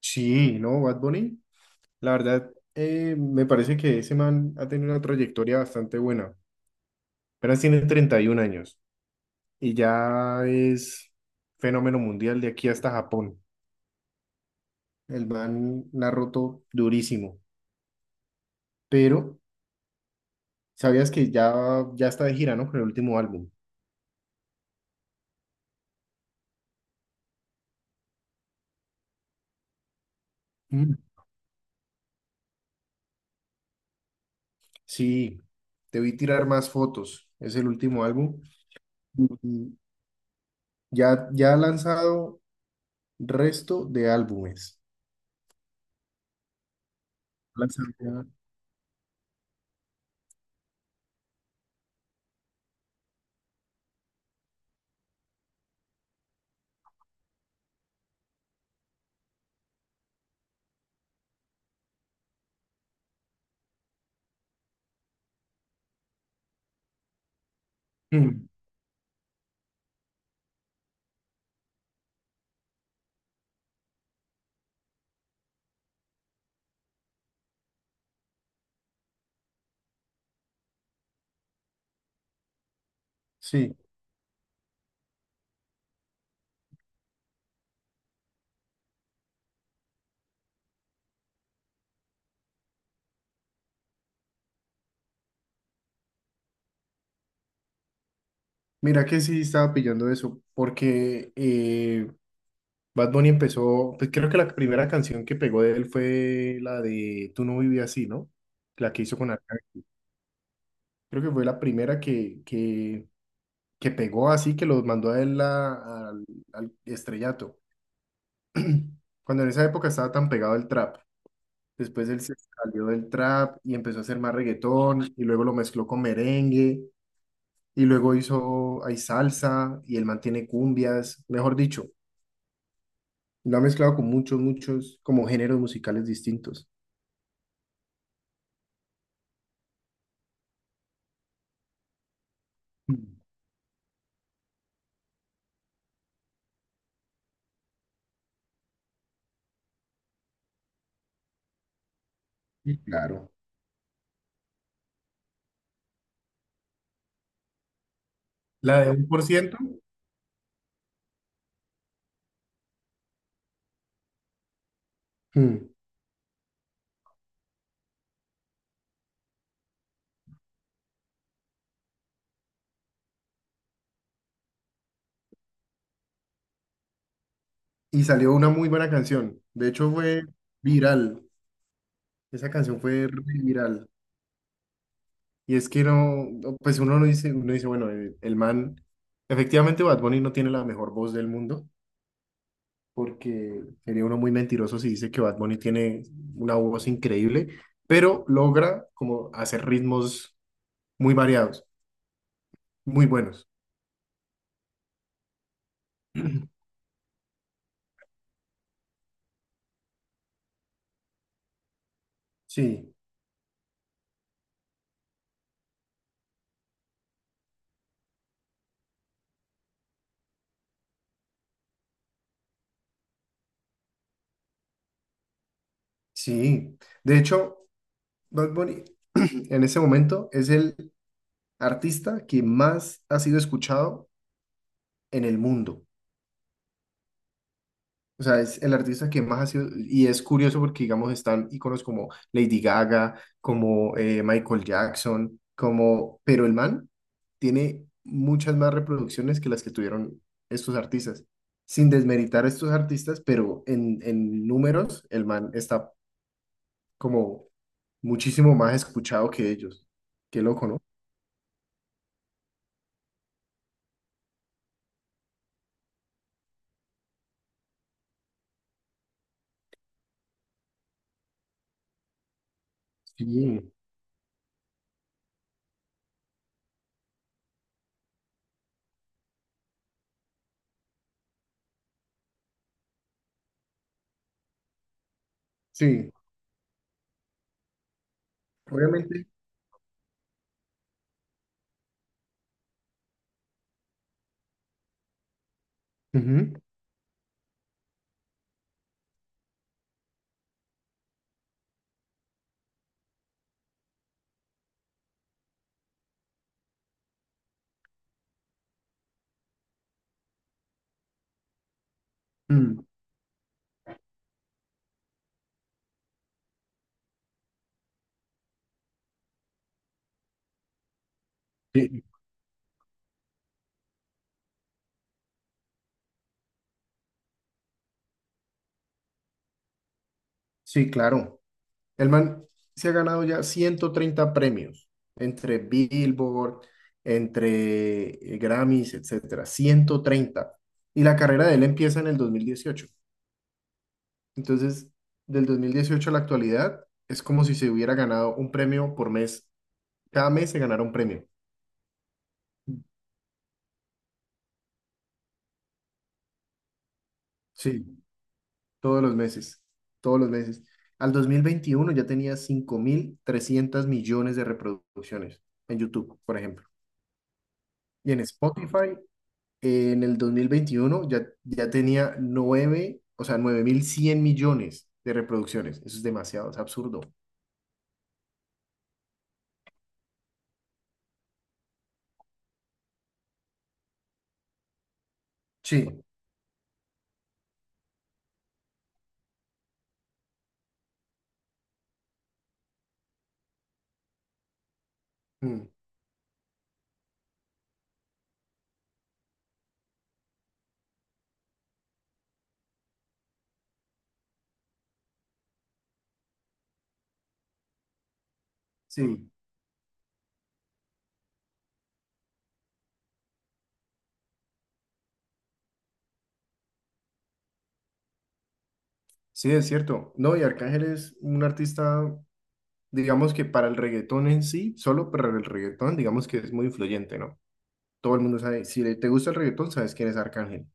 Sí, ¿no? Bad Bunny, la verdad, me parece que ese man ha tenido una trayectoria bastante buena. Apenas tiene 31 años y ya es fenómeno mundial de aquí hasta Japón. El man la ha roto durísimo, pero sabías que ya está de gira, ¿no? Con el último álbum. Mm. Sí, te vi tirar más fotos. Es el último álbum. Y ya ha lanzado resto de álbumes. Ha lanzado ya- Mm. Sí. Mira que sí estaba pillando eso, porque Bad Bunny empezó, pues creo que la primera canción que pegó de él fue la de Tú no vivías así, ¿no? La que hizo con Arcángel. Creo que fue la primera que pegó así, que los mandó a al estrellato. Cuando en esa época estaba tan pegado el trap. Después él se salió del trap y empezó a hacer más reggaetón, y luego lo mezcló con merengue, y luego hizo, hay salsa, y él mantiene cumbias, mejor dicho. Lo ha mezclado con como géneros musicales distintos. Mm. Claro. La de 1%. Hmm. Y salió una muy buena canción. De hecho, fue viral. Esa canción fue re viral. Y es que pues uno no dice, uno dice, bueno, el man, efectivamente Bad Bunny no tiene la mejor voz del mundo, porque sería uno muy mentiroso si dice que Bad Bunny tiene una voz increíble, pero logra como hacer ritmos muy variados, muy buenos. Sí. Sí, de hecho, Bad Bunny en ese momento es el artista que más ha sido escuchado en el mundo. O sea, es el artista que más ha sido, y es curioso porque, digamos, están íconos como Lady Gaga, como Michael Jackson, como, pero el man tiene muchas más reproducciones que las que tuvieron estos artistas. Sin desmeritar a estos artistas, pero en números, el man está como muchísimo más escuchado que ellos. Qué loco, ¿no? Sí, sí, obviamente. Ujú. Mm. Sí, sí, claro. El man se ha ganado ya 130 premios entre Billboard, entre Grammys, etcétera. 130. Y la carrera de él empieza en el 2018. Entonces, del 2018 a la actualidad, es como si se hubiera ganado un premio por mes. Cada mes se ganara un premio. Sí. Todos los meses, todos los meses. Al 2021 ya tenía 5.300 millones de reproducciones en YouTube, por ejemplo. Y en Spotify, en el 2021 ya tenía 9, o sea, 9.100 millones de reproducciones. Eso es demasiado, es absurdo. Sí. Mm. Sí, sí, es cierto. No, y Arcángel es un artista, digamos que para el reggaetón en sí, solo para el reggaetón, digamos que es muy influyente, ¿no? Todo el mundo sabe, si te gusta el reggaetón, sabes quién es Arcángel.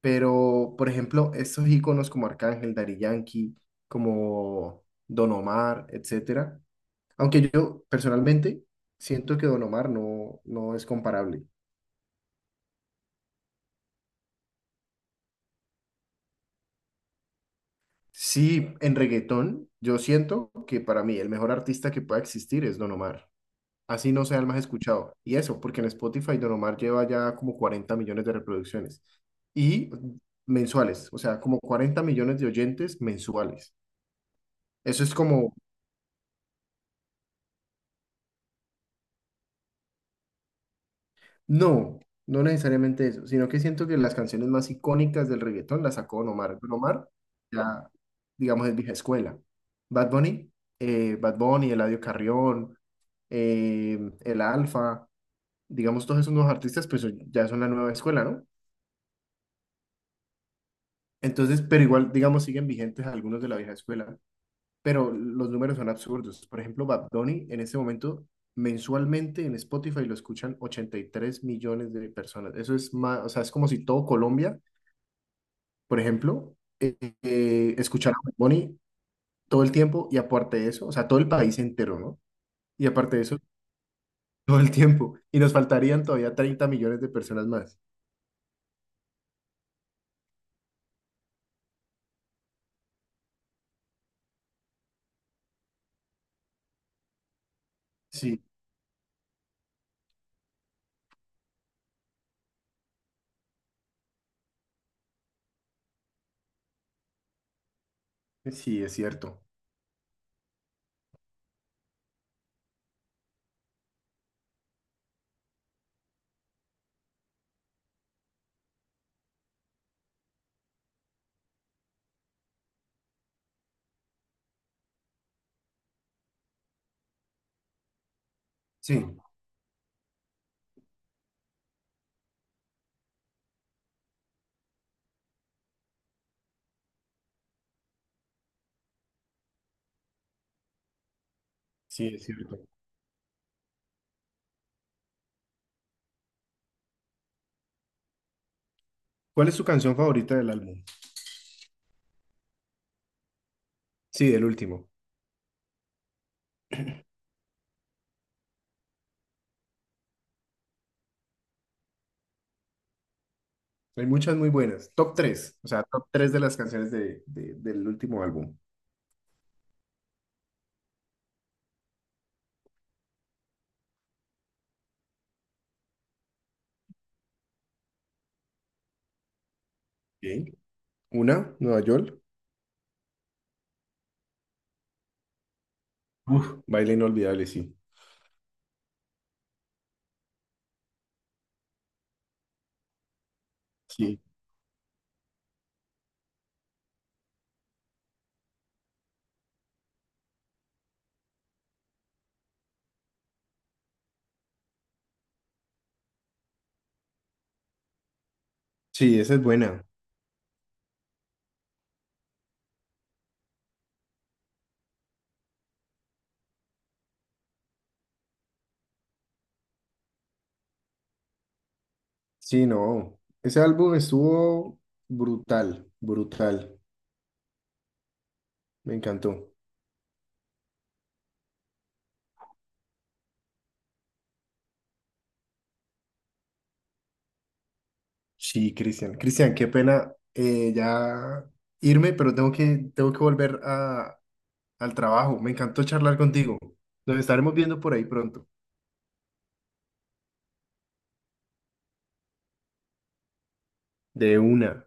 Pero, por ejemplo, estos íconos como Arcángel, Daddy Yankee, como Don Omar, etcétera. Aunque yo personalmente siento que Don Omar no es comparable. Sí, en reggaetón, yo siento que para mí el mejor artista que pueda existir es Don Omar. Así no sea el más escuchado. Y eso, porque en Spotify Don Omar lleva ya como 40 millones de reproducciones. Y mensuales, o sea, como 40 millones de oyentes mensuales. Eso es como no, no necesariamente eso, sino que siento que las canciones más icónicas del reggaetón las sacó Don Omar. Don Omar ya, digamos, es vieja escuela. Bad Bunny, Bad Bunny, Eladio Carrión, El Alfa, digamos, todos esos nuevos artistas, pues ya son la nueva escuela, ¿no? Entonces, pero igual, digamos, siguen vigentes algunos de la vieja escuela. Pero los números son absurdos. Por ejemplo, Bad Bunny en este momento mensualmente en Spotify lo escuchan 83 millones de personas. Eso es más, o sea, es como si todo Colombia, por ejemplo, escuchara a Bad Bunny todo el tiempo y aparte de eso, o sea, todo el país entero, ¿no? Y aparte de eso, todo el tiempo. Y nos faltarían todavía 30 millones de personas más. Sí, sí, es cierto. Sí, sí, es cierto. ¿Cuál es tu canción favorita del álbum? Sí, del último. Hay muchas muy buenas. Top tres, o sea, top 3 de las canciones de, del último álbum. Ok. Una, Nueva York. Uf, baile inolvidable, sí. Sí. Sí, esa es buena. Sí, no. Ese álbum estuvo brutal, brutal. Me encantó. Sí, Cristian. Cristian, qué pena ya irme, pero tengo que volver a, al trabajo. Me encantó charlar contigo. Nos estaremos viendo por ahí pronto. De una.